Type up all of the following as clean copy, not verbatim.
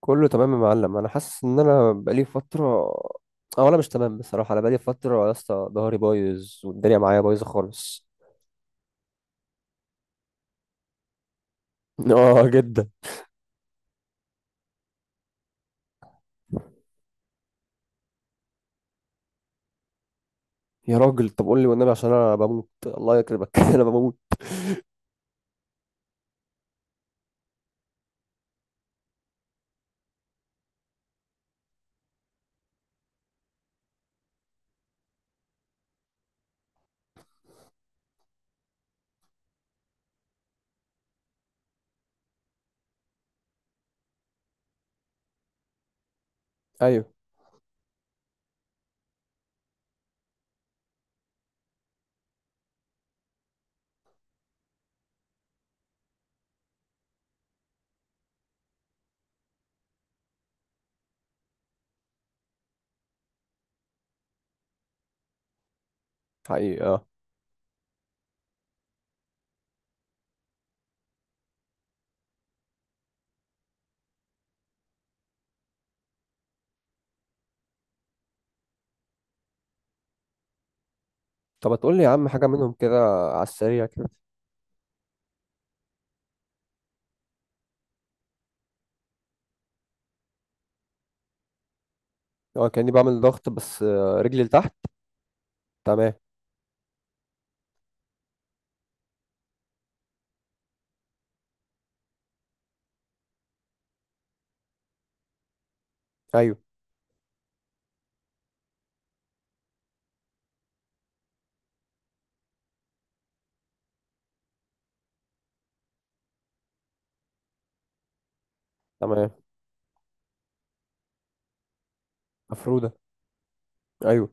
كله تمام يا معلم. انا حاسس ان انا بقالي فتره، او انا مش تمام بصراحه. انا بقالي فتره يا اسطى ظهري بايظ والدنيا معايا بايظه خالص. اه جدا. يا راجل طب قول لي والنبي عشان انا بموت الله يكرمك، انا بموت. ايوه حقيقي اه. طب ما تقول لي يا عم حاجه منهم كده، على السريع كده. اه كاني بعمل ضغط بس رجلي لتحت. تمام. ايوه تمام، مفروده. ايوه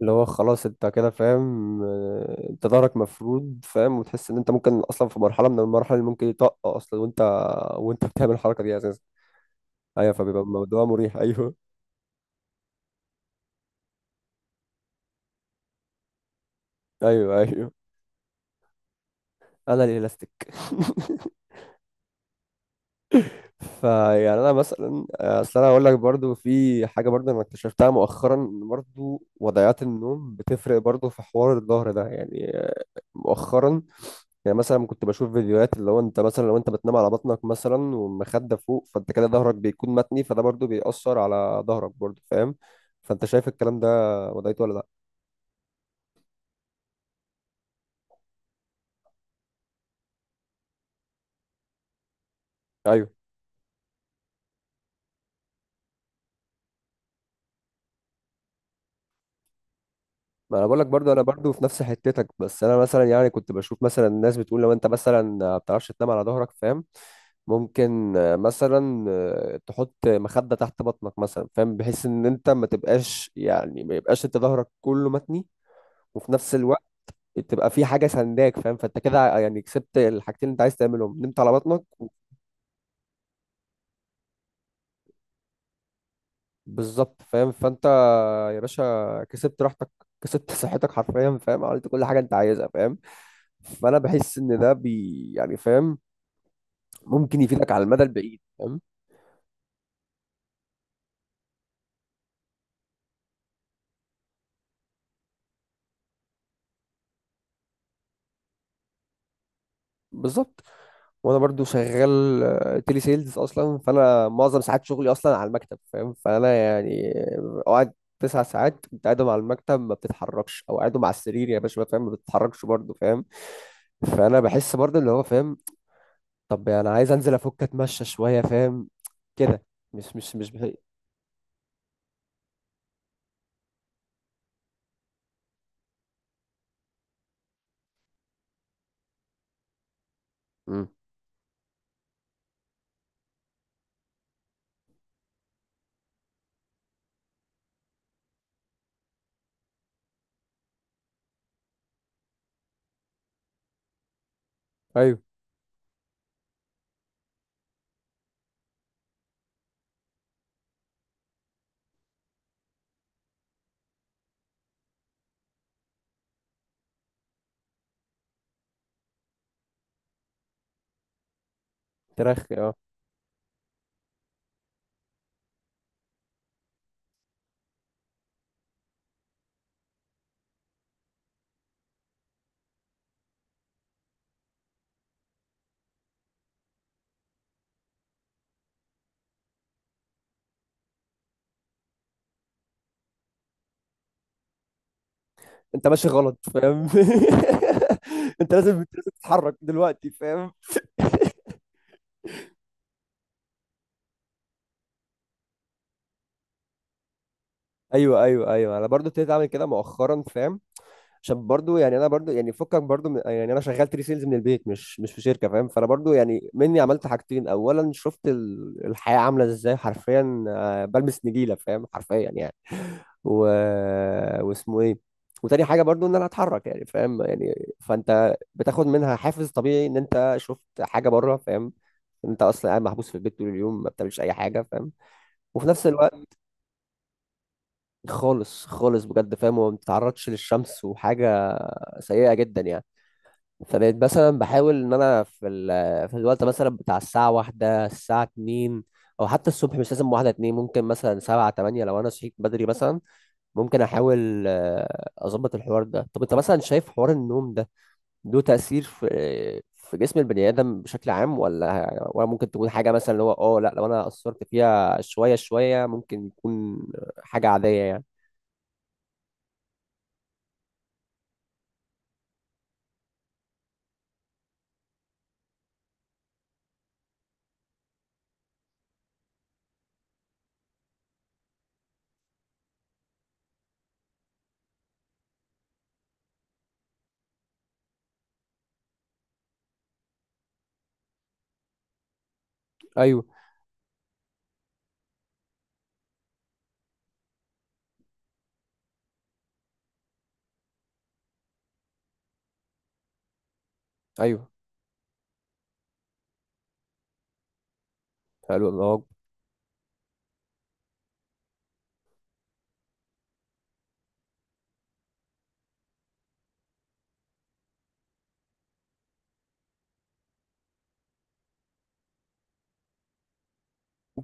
اللي هو خلاص انت كده فاهم، انت ظهرك مفرود فاهم، وتحس ان انت ممكن اصلا في مرحله من المراحل اللي ممكن يطق اصلا، وانت بتعمل الحركه دي اساسا. ايوه فبيبقى الموضوع مريح. ايوه. ايوه انا الالاستيك. فيعني انا مثلا، اصل انا اقول لك برضو في حاجه برضو انا اكتشفتها مؤخرا ان برضو وضعيات النوم بتفرق برضو في حوار الظهر ده يعني، مؤخرا. يعني مثلا كنت بشوف فيديوهات اللي هو انت مثلا لو انت بتنام على بطنك مثلا والمخدة فوق، فانت كده ظهرك بيكون متني، فده برضو بيأثر على ظهرك برضو فاهم. فانت شايف الكلام ده وضعيته ولا لا؟ ايوه ما انا بقول لك برضو انا برضو في نفس حتتك. بس انا مثلا يعني كنت بشوف مثلا الناس بتقول لو انت مثلا ما بتعرفش تنام على ظهرك فاهم، ممكن مثلا تحط مخدة تحت بطنك مثلا فاهم، بحيث ان انت ما تبقاش يعني ما يبقاش انت ظهرك كله متني، وفي نفس الوقت تبقى في حاجه سنداك فاهم. فانت كده يعني كسبت الحاجتين اللي انت عايز تعملهم، نمت على بطنك بالظبط فاهم. فانت يا باشا كسبت راحتك، كسبت صحتك حرفيا فاهم، عملت كل حاجه انت عايزها فاهم. فانا بحس ان ده بي يعني فاهم، ممكن يفيدك على المدى البعيد فاهم. بالظبط. وانا برضو شغال تيلي سيلز اصلا، فانا معظم ساعات شغلي اصلا على المكتب فاهم. فانا يعني اقعد تسع ساعات انت قاعدهم على المكتب ما بتتحركش، او قاعدهم على السرير يا باشا فاهم ما بتتحركش برضو فاهم. فانا بحس برضو اللي هو فاهم، طب انا عايز انزل افك اتمشى شويه فاهم كده. مش مش مش بحي... مم. ايوه. تراخي اه. انت ماشي غلط فاهم. انت لازم تتحرك دلوقتي فاهم. ايوه انا برضو ابتديت اعمل كده مؤخرا فاهم. عشان برضو يعني انا برضو يعني فكك برضو من يعني، انا شغال تري سيلز من البيت مش في شركه فاهم. فانا برضو يعني مني عملت حاجتين، اولا شفت الحياه عامله ازاي حرفيا، بلبس نجيله فاهم حرفيا يعني، و... واسمه ايه. وتاني حاجه برضو ان انا اتحرك يعني فاهم يعني، فانت بتاخد منها حافز طبيعي ان انت شفت حاجه بره فاهم. انت اصلا قاعد محبوس في البيت طول اليوم ما بتعملش اي حاجه فاهم. وفي نفس الوقت خالص خالص بجد فاهم، وما بتتعرضش للشمس وحاجة سيئة جدا يعني. فبقيت مثلا بحاول ان انا في في الوقت مثلا بتاع الساعة واحدة الساعة اتنين، او حتى الصبح مش لازم واحدة اتنين، ممكن مثلا سبعة تمانية لو انا صحيت بدري مثلا، ممكن احاول اظبط الحوار ده. طب انت مثلا شايف حوار النوم ده له تأثير في في جسم البني آدم بشكل عام، ولا ممكن تكون حاجة مثلا اللي هو اه لا، لو انا قصرت فيها شوية شوية ممكن يكون حاجة عادية يعني؟ ايوه ايوه حلو الله أكبر.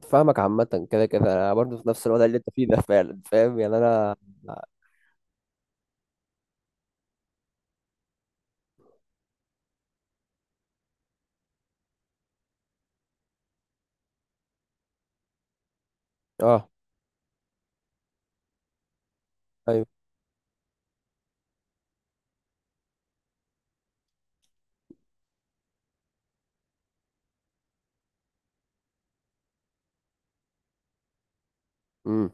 فاهمك عامة. كده كده أنا برضه في نفس الوضع اللي أنت فيه ده. فعلا فاهم يعني أنا. أه. أيوه. أمم.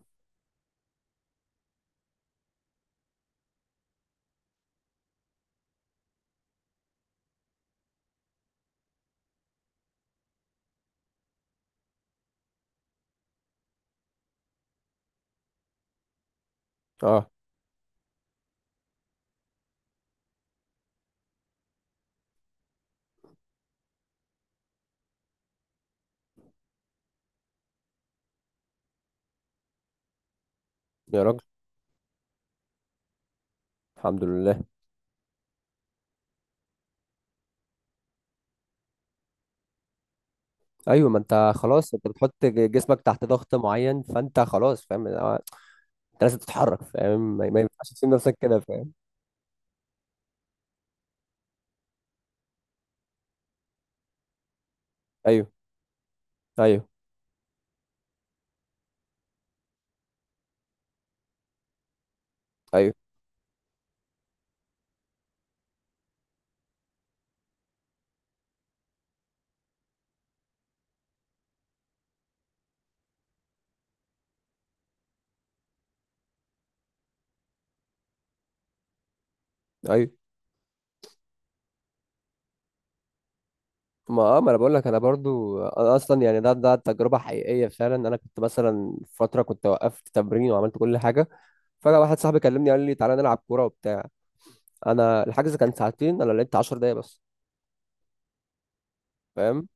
أه. يا راجل الحمد لله. أيوه ما أنت خلاص أنت بتحط جسمك تحت ضغط معين، فأنت خلاص فاهم أنت لازم تتحرك فاهم، ما ينفعش تسيب نفسك كده فاهم. أيوه أيوه أيوه أيوه، ما انا بقول لك انا برضو، انا اصلا يعني ده ده تجربه حقيقيه فعلا. انا كنت مثلا فتره كنت وقفت تمرين وعملت كل حاجه، فجاه واحد صاحبي كلمني قال لي تعالى نلعب كوره وبتاع. انا الحجز كان ساعتين، انا لعبت 10 دقايق بس فاهم.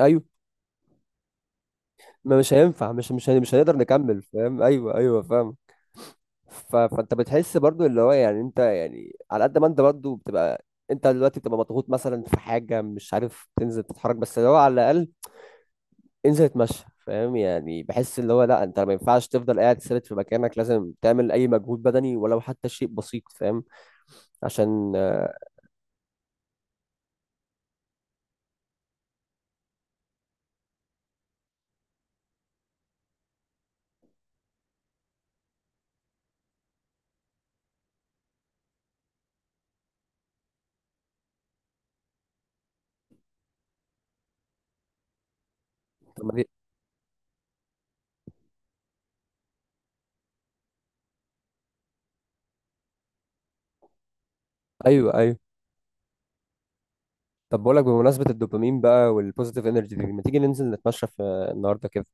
ايوه ما مش هينفع، مش هنقدر نكمل فاهم. ايوه ايوه فاهم. فانت بتحس برضو اللي هو يعني انت يعني على قد ما انت برضو بتبقى، انت دلوقتي بتبقى مضغوط مثلا في حاجه مش عارف تنزل تتحرك، بس اللي هو على الاقل انزل اتمشى فاهم. يعني بحس اللي هو لا، انت ما ينفعش تفضل قاعد ثابت في مكانك، لازم تعمل اي مجهود بدني ولو حتى شيء بسيط فاهم، عشان آه. طب ما دي- ايوه ايوه. طب بقولك بمناسبة الدوبامين بقى والبوزيتيف انرجي دي، ما تيجي ننزل نتمشى في النهاردة كده؟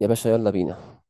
يا باشا يلا بينا.